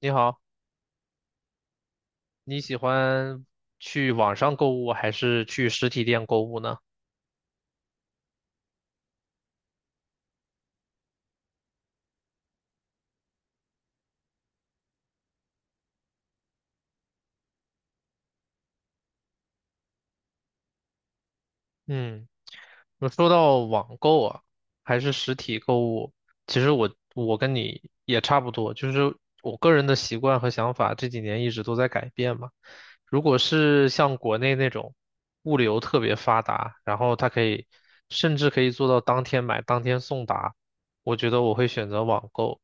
你好，你喜欢去网上购物还是去实体店购物呢？嗯，那说到网购啊，还是实体购物，其实我跟你也差不多，就是我个人的习惯和想法这几年一直都在改变嘛。如果是像国内那种物流特别发达，然后它可以甚至可以做到当天买当天送达，我觉得我会选择网购。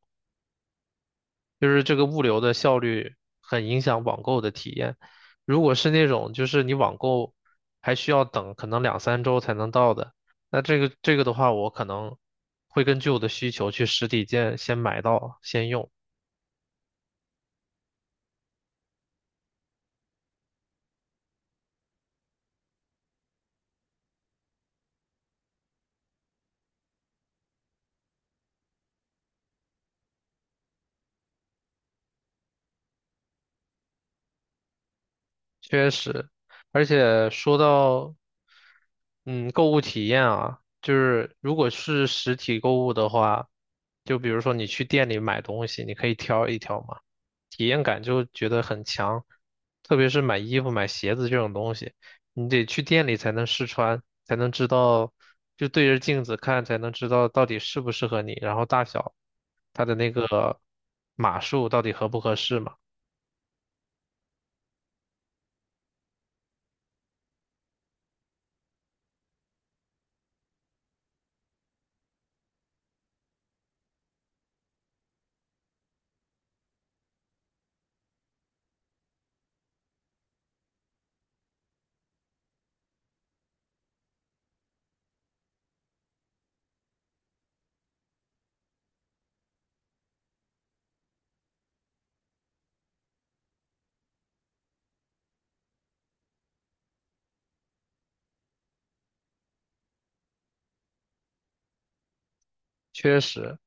就是这个物流的效率很影响网购的体验。如果是那种就是你网购还需要等可能两三周才能到的，那这个的话，我可能会根据我的需求去实体店先买到先用。确实，而且说到嗯购物体验啊，就是如果是实体购物的话，就比如说你去店里买东西，你可以挑一挑嘛，体验感就觉得很强，特别是买衣服、买鞋子这种东西，你得去店里才能试穿，才能知道，就对着镜子看才能知道到底适不适合你，然后大小，它的那个码数到底合不合适嘛。确实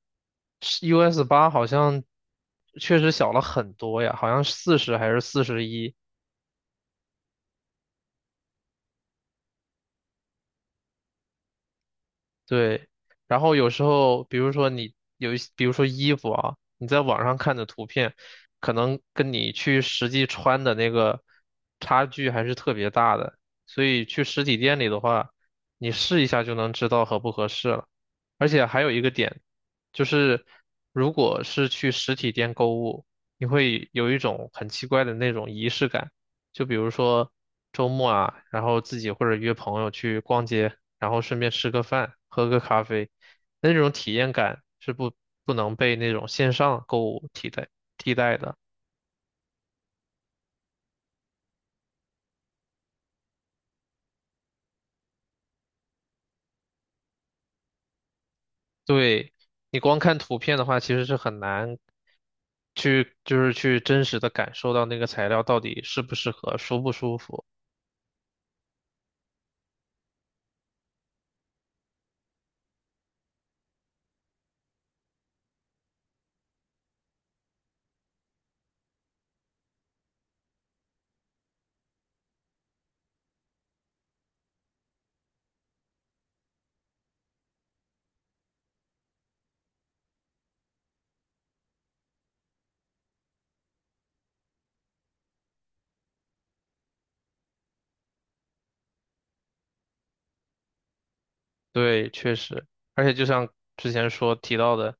是 US 八好像确实小了很多呀，好像四十还是四十一，对，然后有时候，比如说你有一些，比如说衣服啊，你在网上看的图片，可能跟你去实际穿的那个差距还是特别大的，所以去实体店里的话，你试一下就能知道合不合适了。而且还有一个点，就是如果是去实体店购物，你会有一种很奇怪的那种仪式感，就比如说周末啊，然后自己或者约朋友去逛街。然后顺便吃个饭，喝个咖啡，那种体验感是不能被那种线上购物替代的。对，你光看图片的话，其实是很难去就是去真实的感受到那个材料到底适不适合，舒不舒服。对，确实，而且就像之前说提到的，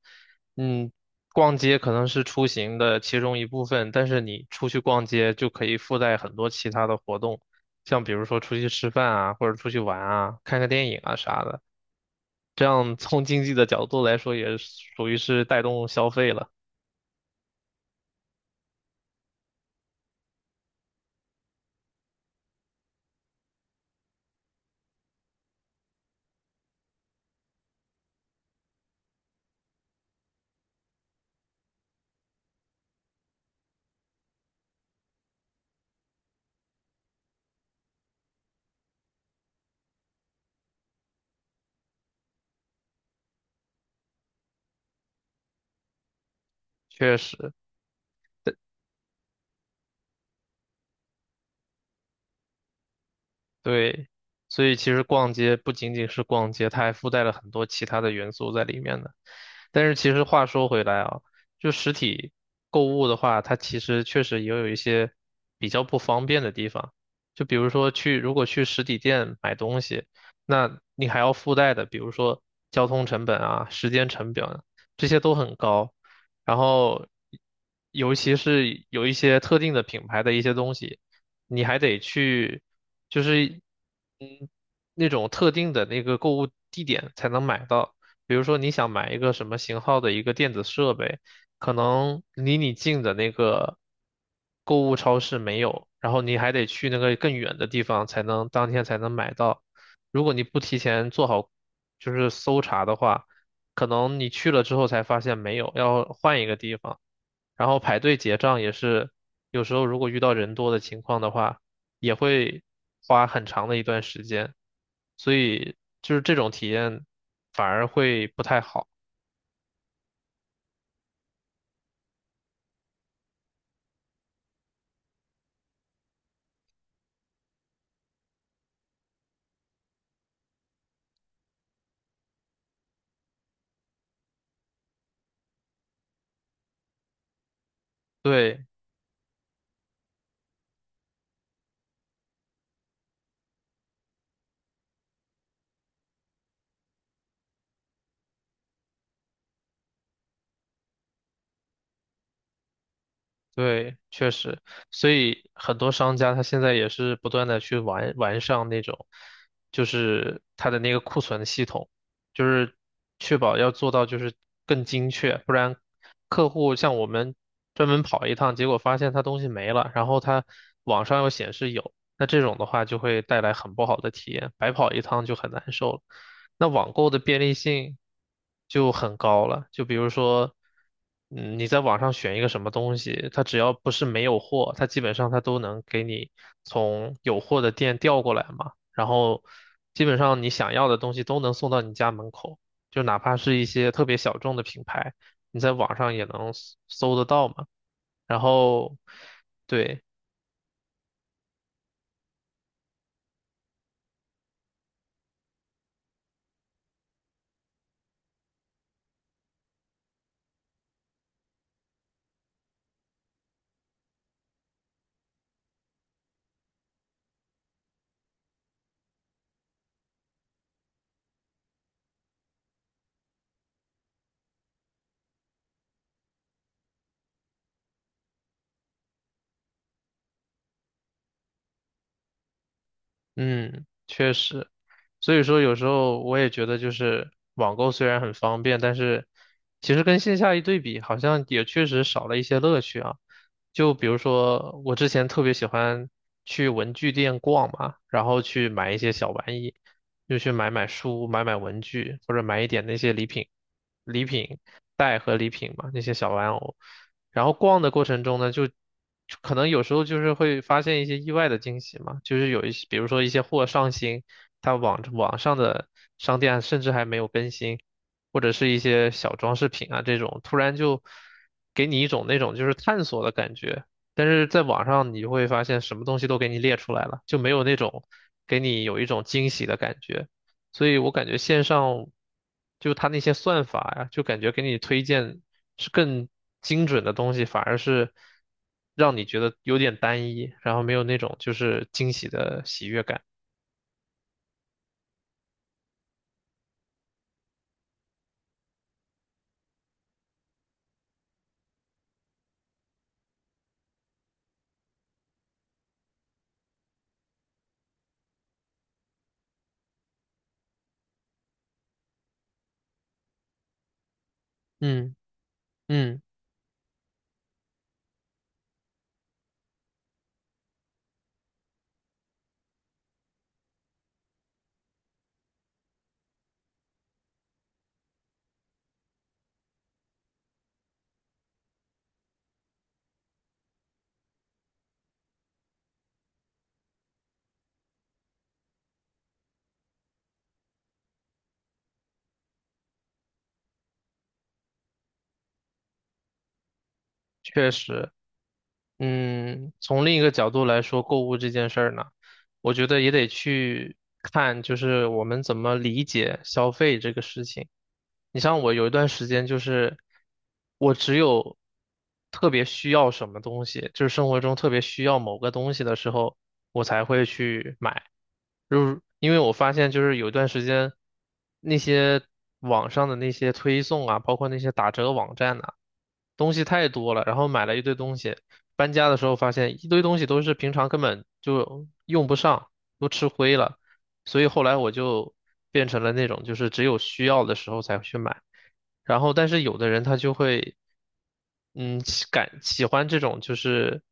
嗯，逛街可能是出行的其中一部分，但是你出去逛街就可以附带很多其他的活动，像比如说出去吃饭啊，或者出去玩啊，看个电影啊啥的，这样从经济的角度来说，也属于是带动消费了，确实。对，所以其实逛街不仅仅是逛街，它还附带了很多其他的元素在里面的。但是其实话说回来啊，就实体购物的话，它其实确实也有一些比较不方便的地方。就比如说如果去实体店买东西，那你还要附带的，比如说交通成本啊、时间成本啊，这些都很高。然后，尤其是有一些特定的品牌的一些东西。你还得去，就是嗯那种特定的那个购物地点才能买到。比如说你想买一个什么型号的一个电子设备，可能离你近的那个购物超市没有，然后你还得去那个更远的地方才能当天才能买到。如果你不提前做好就是搜查的话，可能你去了之后才发现没有，要换一个地方。然后排队结账也是，有时候如果遇到人多的情况的话，也会花很长的一段时间，所以就是这种体验反而会不太好。对。对，确实，所以很多商家他现在也是不断的去完善那种，就是他的那个库存系统，就是确保要做到就是更精确，不然客户像我们专门跑一趟，结果发现他东西没了，然后他网上又显示有，那这种的话就会带来很不好的体验，白跑一趟就很难受了。那网购的便利性就很高了。就比如说，你在网上选一个什么东西，它只要不是没有货，它基本上它都能给你从有货的店调过来嘛。然后基本上你想要的东西都能送到你家门口，就哪怕是一些特别小众的品牌，你在网上也能搜得到嘛。然后，对，嗯，确实，所以说有时候我也觉得，就是网购虽然很方便，但是其实跟线下一对比，好像也确实少了一些乐趣啊。就比如说，我之前特别喜欢去文具店逛嘛，然后去买一些小玩意，又去买书、买文具，或者买一点那些礼品、礼品袋和礼品嘛，那些小玩偶。然后逛的过程中呢，就可能有时候就是会发现一些意外的惊喜嘛，就是有一些，比如说一些货上新，它网上的商店甚至还没有更新，或者是一些小装饰品啊这种，突然就给你一种那种就是探索的感觉。但是在网上你就会发现什么东西都给你列出来了，就没有那种给你有一种惊喜的感觉。所以我感觉线上就它那些算法呀，就感觉给你推荐是更精准的东西，反而是让你觉得有点单一，然后没有那种就是惊喜的喜悦感。嗯嗯，确实，从另一个角度来说，购物这件事儿呢，我觉得也得去看就是我们怎么理解消费这个事情。你像我有一段时间就是，我只有特别需要什么东西，就是生活中特别需要某个东西的时候，我才会去买。就是因为我发现，就是有一段时间，那些网上的那些推送啊，包括那些打折网站呐、东西太多了，然后买了一堆东西，搬家的时候发现一堆东西都是平常根本就用不上，都吃灰了。所以后来我就变成了那种就是只有需要的时候才会去买，然后但是有的人他就会喜欢这种就是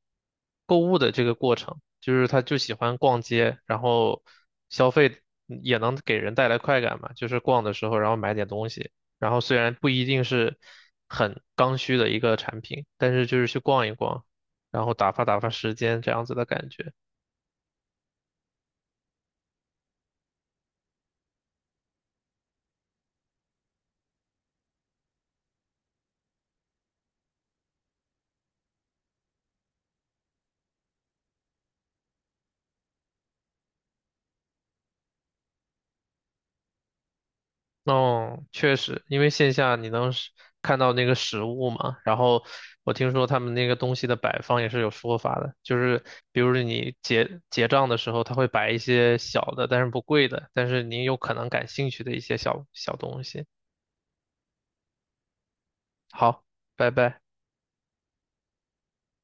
购物的这个过程，就是他就喜欢逛街，然后消费也能给人带来快感嘛，就是逛的时候然后买点东西，然后虽然不一定是很刚需的一个产品，但是就是去逛一逛，然后打发打发时间这样子的感觉。哦，确实，因为线下你能是看到那个实物嘛，然后我听说他们那个东西的摆放也是有说法的，就是比如说你结账的时候，他会摆一些小的，但是不贵的，但是你有可能感兴趣的一些小小东西。好，拜拜。